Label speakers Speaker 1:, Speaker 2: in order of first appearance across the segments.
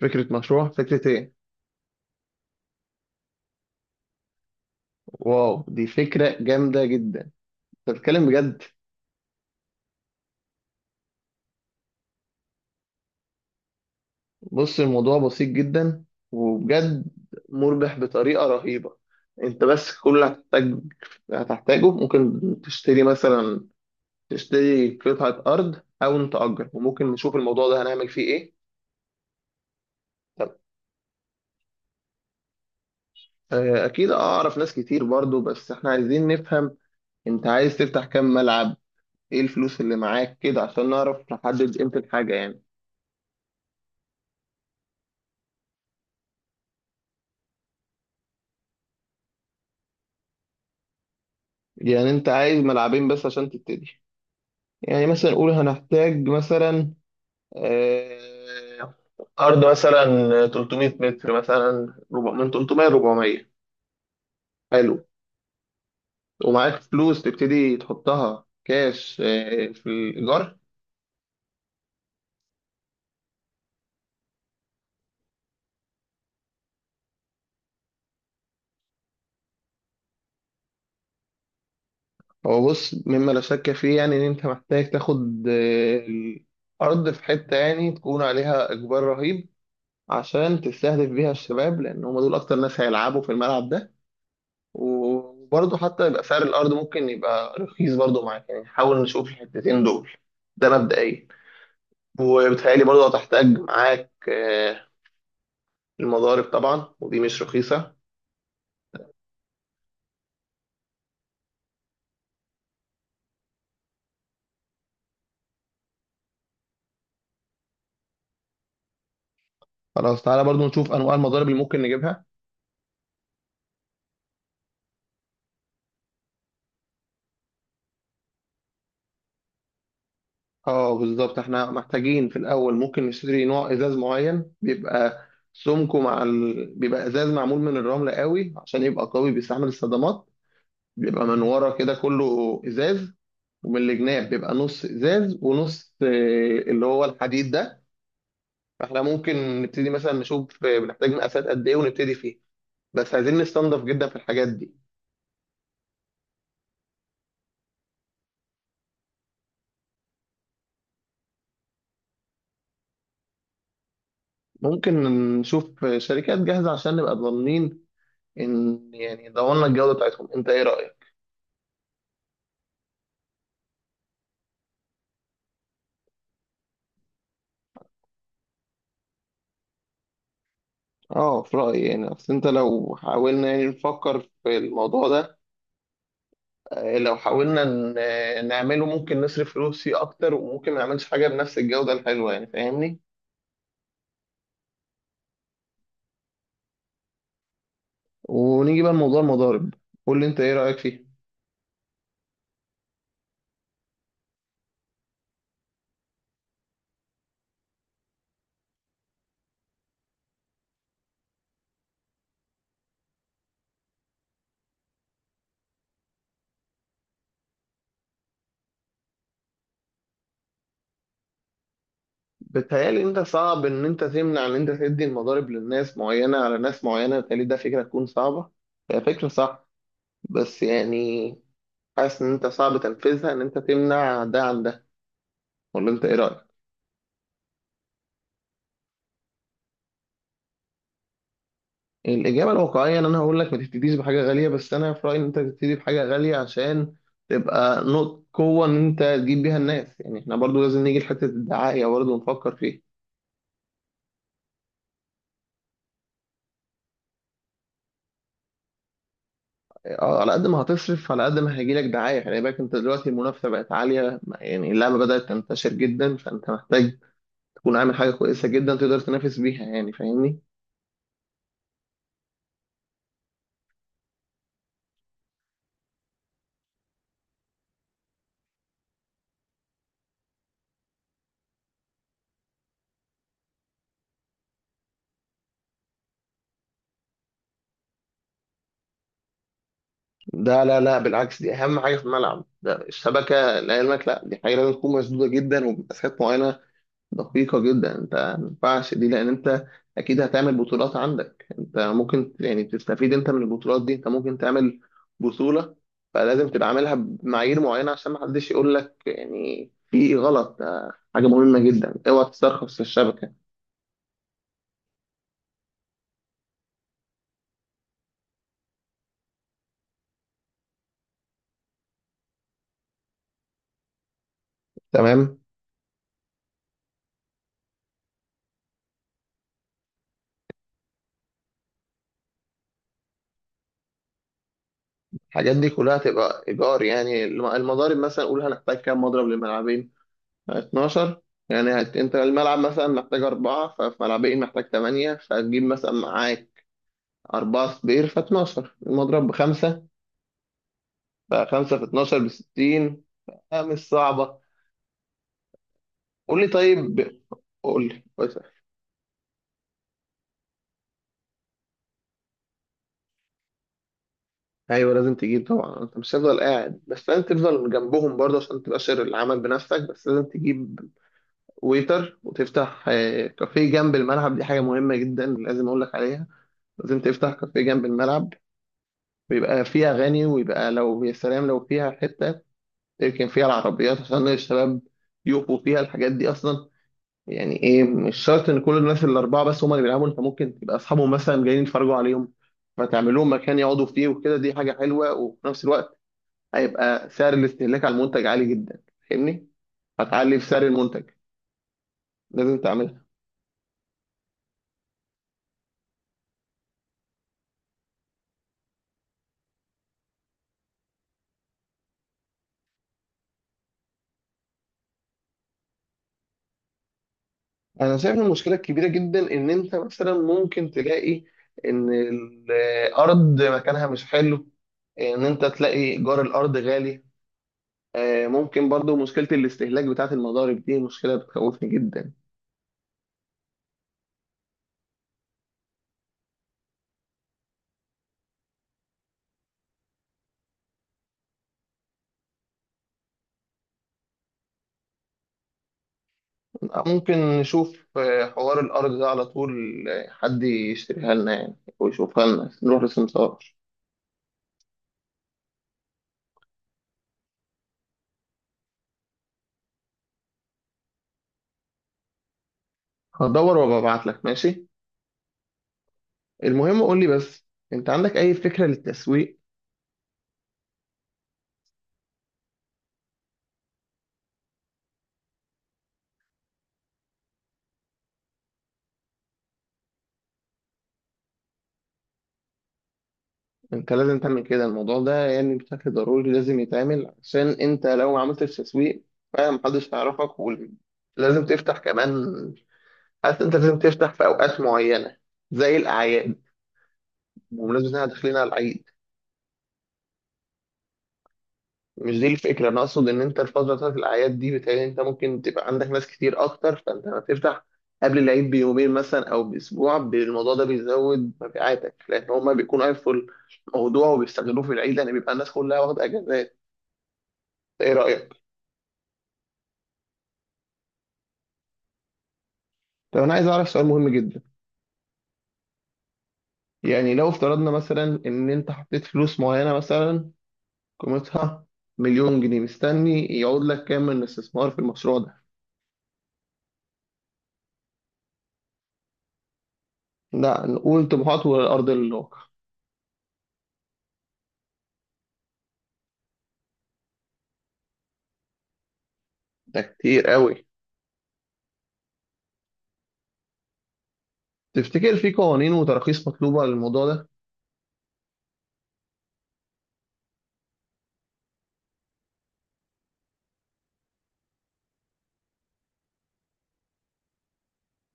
Speaker 1: فكرة مشروع، فكرة ايه؟ واو، دي فكرة جامدة جدا. انت بتتكلم بجد؟ بص، الموضوع بسيط جدا وبجد مربح بطريقة رهيبة. انت بس كل اللي هتحتاجه ممكن تشتري مثلا، تشتري قطعة أرض أو نتأجر، وممكن نشوف الموضوع ده هنعمل فيه ايه. طب أكيد أعرف ناس كتير برضو، بس احنا عايزين نفهم انت عايز تفتح كام ملعب، ايه الفلوس اللي معاك كده عشان نعرف نحدد قيمة الحاجة يعني. يعني انت عايز ملعبين بس عشان تبتدي؟ يعني مثلا نقول هنحتاج مثلا آه، أرض مثلا 300 متر مثلا، من 300 ل 400. حلو. ومعاك فلوس تبتدي تحطها كاش في الإيجار. هو بص، مما لا شك فيه يعني إن أنت محتاج تاخد الأرض في حتة يعني تكون عليها إجبار رهيب، عشان تستهدف بيها الشباب، لأن هم دول أكتر ناس هيلعبوا في الملعب ده. وبرضه حتى يبقى سعر الأرض ممكن يبقى رخيص برضه معاك، يعني حاول نشوف الحتتين دول. ده مبدئيا. وبتهيألي برضه هتحتاج معاك المضارب طبعا، ودي مش رخيصة. خلاص، تعالى برضه نشوف أنواع المضارب اللي ممكن نجيبها. اه بالظبط، احنا محتاجين في الأول ممكن نشتري نوع إزاز معين بيبقى سمكه بيبقى إزاز معمول من الرمل قوي، عشان يبقى قوي بيستحمل الصدمات. بيبقى من ورا كده كله إزاز، ومن الجناب بيبقى نص ازاز ونص اللي هو الحديد ده. فاحنا ممكن نبتدي مثلا نشوف بنحتاج مقاسات قد ايه ونبتدي فيه، بس عايزين نستنضف جدا في الحاجات دي. ممكن نشوف شركات جاهزة عشان نبقى ضامنين ان يعني ضمننا الجودة بتاعتهم. انت ايه رأيك؟ اه، في رأيي يعني اصل انت، لو حاولنا يعني نفكر في الموضوع ده لو حاولنا نعمله ممكن نصرف فلوس فيه اكتر، وممكن ما نعملش حاجة بنفس الجودة الحلوة، يعني فاهمني؟ ونيجي بقى لموضوع المضارب. قول لي انت ايه رأيك فيه؟ بتهيألي انت صعب ان انت تمنع ان انت تدي المضارب للناس معينة على ناس معينة، بتهيألي ده فكرة تكون صعبة. هي فكرة صح بس يعني حاسس ان انت صعب تنفيذها، ان انت تمنع ده عن ده. ولا انت ايه رأيك؟ الإجابة الواقعية ان انا هقول لك ما تبتديش بحاجة غالية، بس انا في رأيي ان انت تبتدي بحاجة غالية عشان تبقى نقطة قوة ان انت تجيب بيها الناس. يعني احنا برضو لازم نيجي لحتة الدعاية برضو نفكر فيها. اه، على قد ما هتصرف على قد ما هيجيلك دعاية. خلي بالك انت دلوقتي المنافسة بقت عالية، يعني اللعبة بدأت تنتشر جدا، فانت محتاج تكون عامل حاجة كويسة جدا تقدر تنافس بيها يعني، فاهمني. ده لا، لا، بالعكس، دي اهم حاجة في الملعب ده الشبكة. لعلمك لا، دي حاجة لازم تكون مسدودة جدا وبمسافات معينة دقيقة جدا. انت ما ينفعش دي، لان انت اكيد هتعمل بطولات عندك، انت ممكن يعني تستفيد انت من البطولات دي، انت ممكن تعمل بطولة. فلازم تبقى عاملها بمعايير معينة عشان ما حدش يقول لك يعني في غلط. ده حاجة مهمة جدا، اوعى تسترخص في الشبكة. تمام. الحاجات دي كلها تبقى ايجار يعني. المضارب مثلا، قول هنحتاج كام مضرب للملعبين. 12. يعني انت الملعب مثلا محتاج أربعة، ففي ملعبين محتاج تمانية. فهتجيب مثلا معاك أربعة صبير في 12 المضروب بخمسة، بقى خمسة في 12 بستين. آه، مش صعبة. قول لي طيب، قول لي. أيوة، لازم تجيب طبعا. أنت مش هتفضل قاعد بس، لازم تفضل جنبهم برضه عشان تبقى شر العمل بنفسك، بس لازم تجيب ويتر، وتفتح كافيه جنب الملعب. دي حاجة مهمة جدا لازم أقول لك عليها. لازم تفتح كافيه جنب الملعب، ويبقى فيه أغاني، ويبقى لو يا سلام لو فيها حتة تركن فيها العربيات عشان الشباب يقفوا فيها الحاجات دي أصلا. يعني ايه، مش شرط ان كل الناس الاربعه بس هم اللي بيلعبوا، انت ممكن تبقى اصحابهم مثلا جايين يتفرجوا عليهم، فتعمل لهم مكان يقعدوا فيه وكده. دي حاجه حلوه، وفي نفس الوقت هيبقى سعر الاستهلاك على المنتج عالي جدا، فاهمني. هتعلي في سعر المنتج. لازم تعملها. انا شايف إن المشكله الكبيره جدا ان انت مثلا ممكن تلاقي ان الارض مكانها مش حلو، ان انت تلاقي ايجار الارض غالي. ممكن برضو مشكله الاستهلاك بتاعه المضارب دي مشكله بتخوفني جدا. ممكن نشوف حوار الأرض ده على طول، حد يشتريها لنا يعني ويشوفها لنا، نروح للسمسار. هدور وببعت لك، ماشي. المهم قول لي بس، أنت عندك أي فكرة للتسويق؟ أنت لازم تعمل كده، الموضوع ده يعني بشكل ضروري لازم يتعمل، عشان أنت لو ما عملتش تسويق فعلا محدش هيعرفك. ولازم تفتح كمان، حاسس أنت لازم تفتح في أوقات معينة زي الأعياد. بمناسبة إن إحنا داخلين على العيد، مش دي الفكرة، أنا أقصد إن أنت الفترة بتاعت الأعياد دي بتهيألي أنت ممكن تبقى عندك ناس كتير أكتر، فأنت لما تفتح قبل العيد بيومين مثلا أو بأسبوع الموضوع ده بيزود مبيعاتك، لأن هما بيكونوا عارفوا الموضوع وبيستغلوه في العيد، لأن بيبقى الناس كلها واخدة أجازات. إيه رأيك؟ طب أنا عايز أعرف سؤال مهم جدا. يعني لو افترضنا مثلا إن أنت حطيت فلوس معينة مثلا، قيمتها مليون جنيه، مستني يعود لك كام من الاستثمار في المشروع ده؟ لا، نقول طموحات والأرض الواقع. ده كتير قوي. تفتكر في قوانين وتراخيص مطلوبة للموضوع ده؟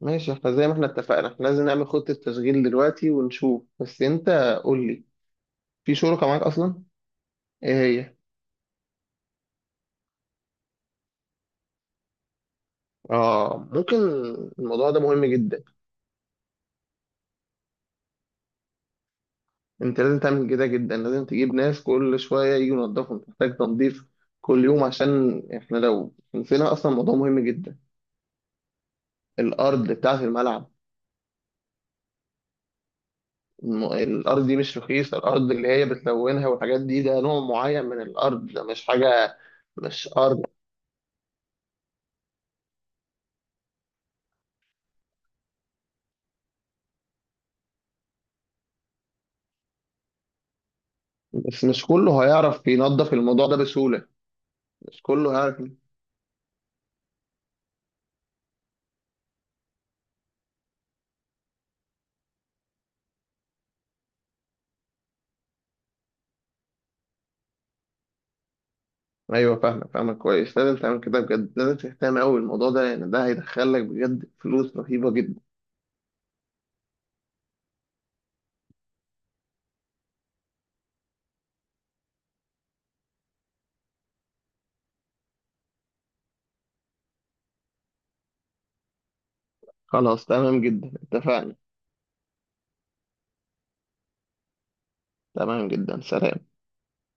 Speaker 1: ماشي، احنا زي ما احنا اتفقنا احنا لازم نعمل خطة تشغيل دلوقتي ونشوف. بس انت قول لي، في شركة معاك اصلا؟ ايه؟ هي؟ اه، ممكن. الموضوع ده مهم جدا. انت لازم تعمل كده جدا، لازم تجيب ناس كل شوية يجوا ينضفوا، انت محتاج تنظيف كل يوم، عشان احنا لو نسينا اصلا موضوع مهم جدا. الارض بتاعة الملعب. الارض دي مش رخيصة، الارض اللي هي بتلونها والحاجات دي، ده نوع معين من الارض، ده مش حاجة، مش ارض. بس مش كله هيعرف ينظف الموضوع ده بسهولة، مش كله هيعرف. أيوه فاهمك، فاهمك كويس. لازم تعمل كده بجد، لازم تهتم أوي بالموضوع ده، لأن ده هيدخلك بجد فلوس رهيبة جدا. خلاص، تمام جدا، اتفقنا. تمام جدا، سلام.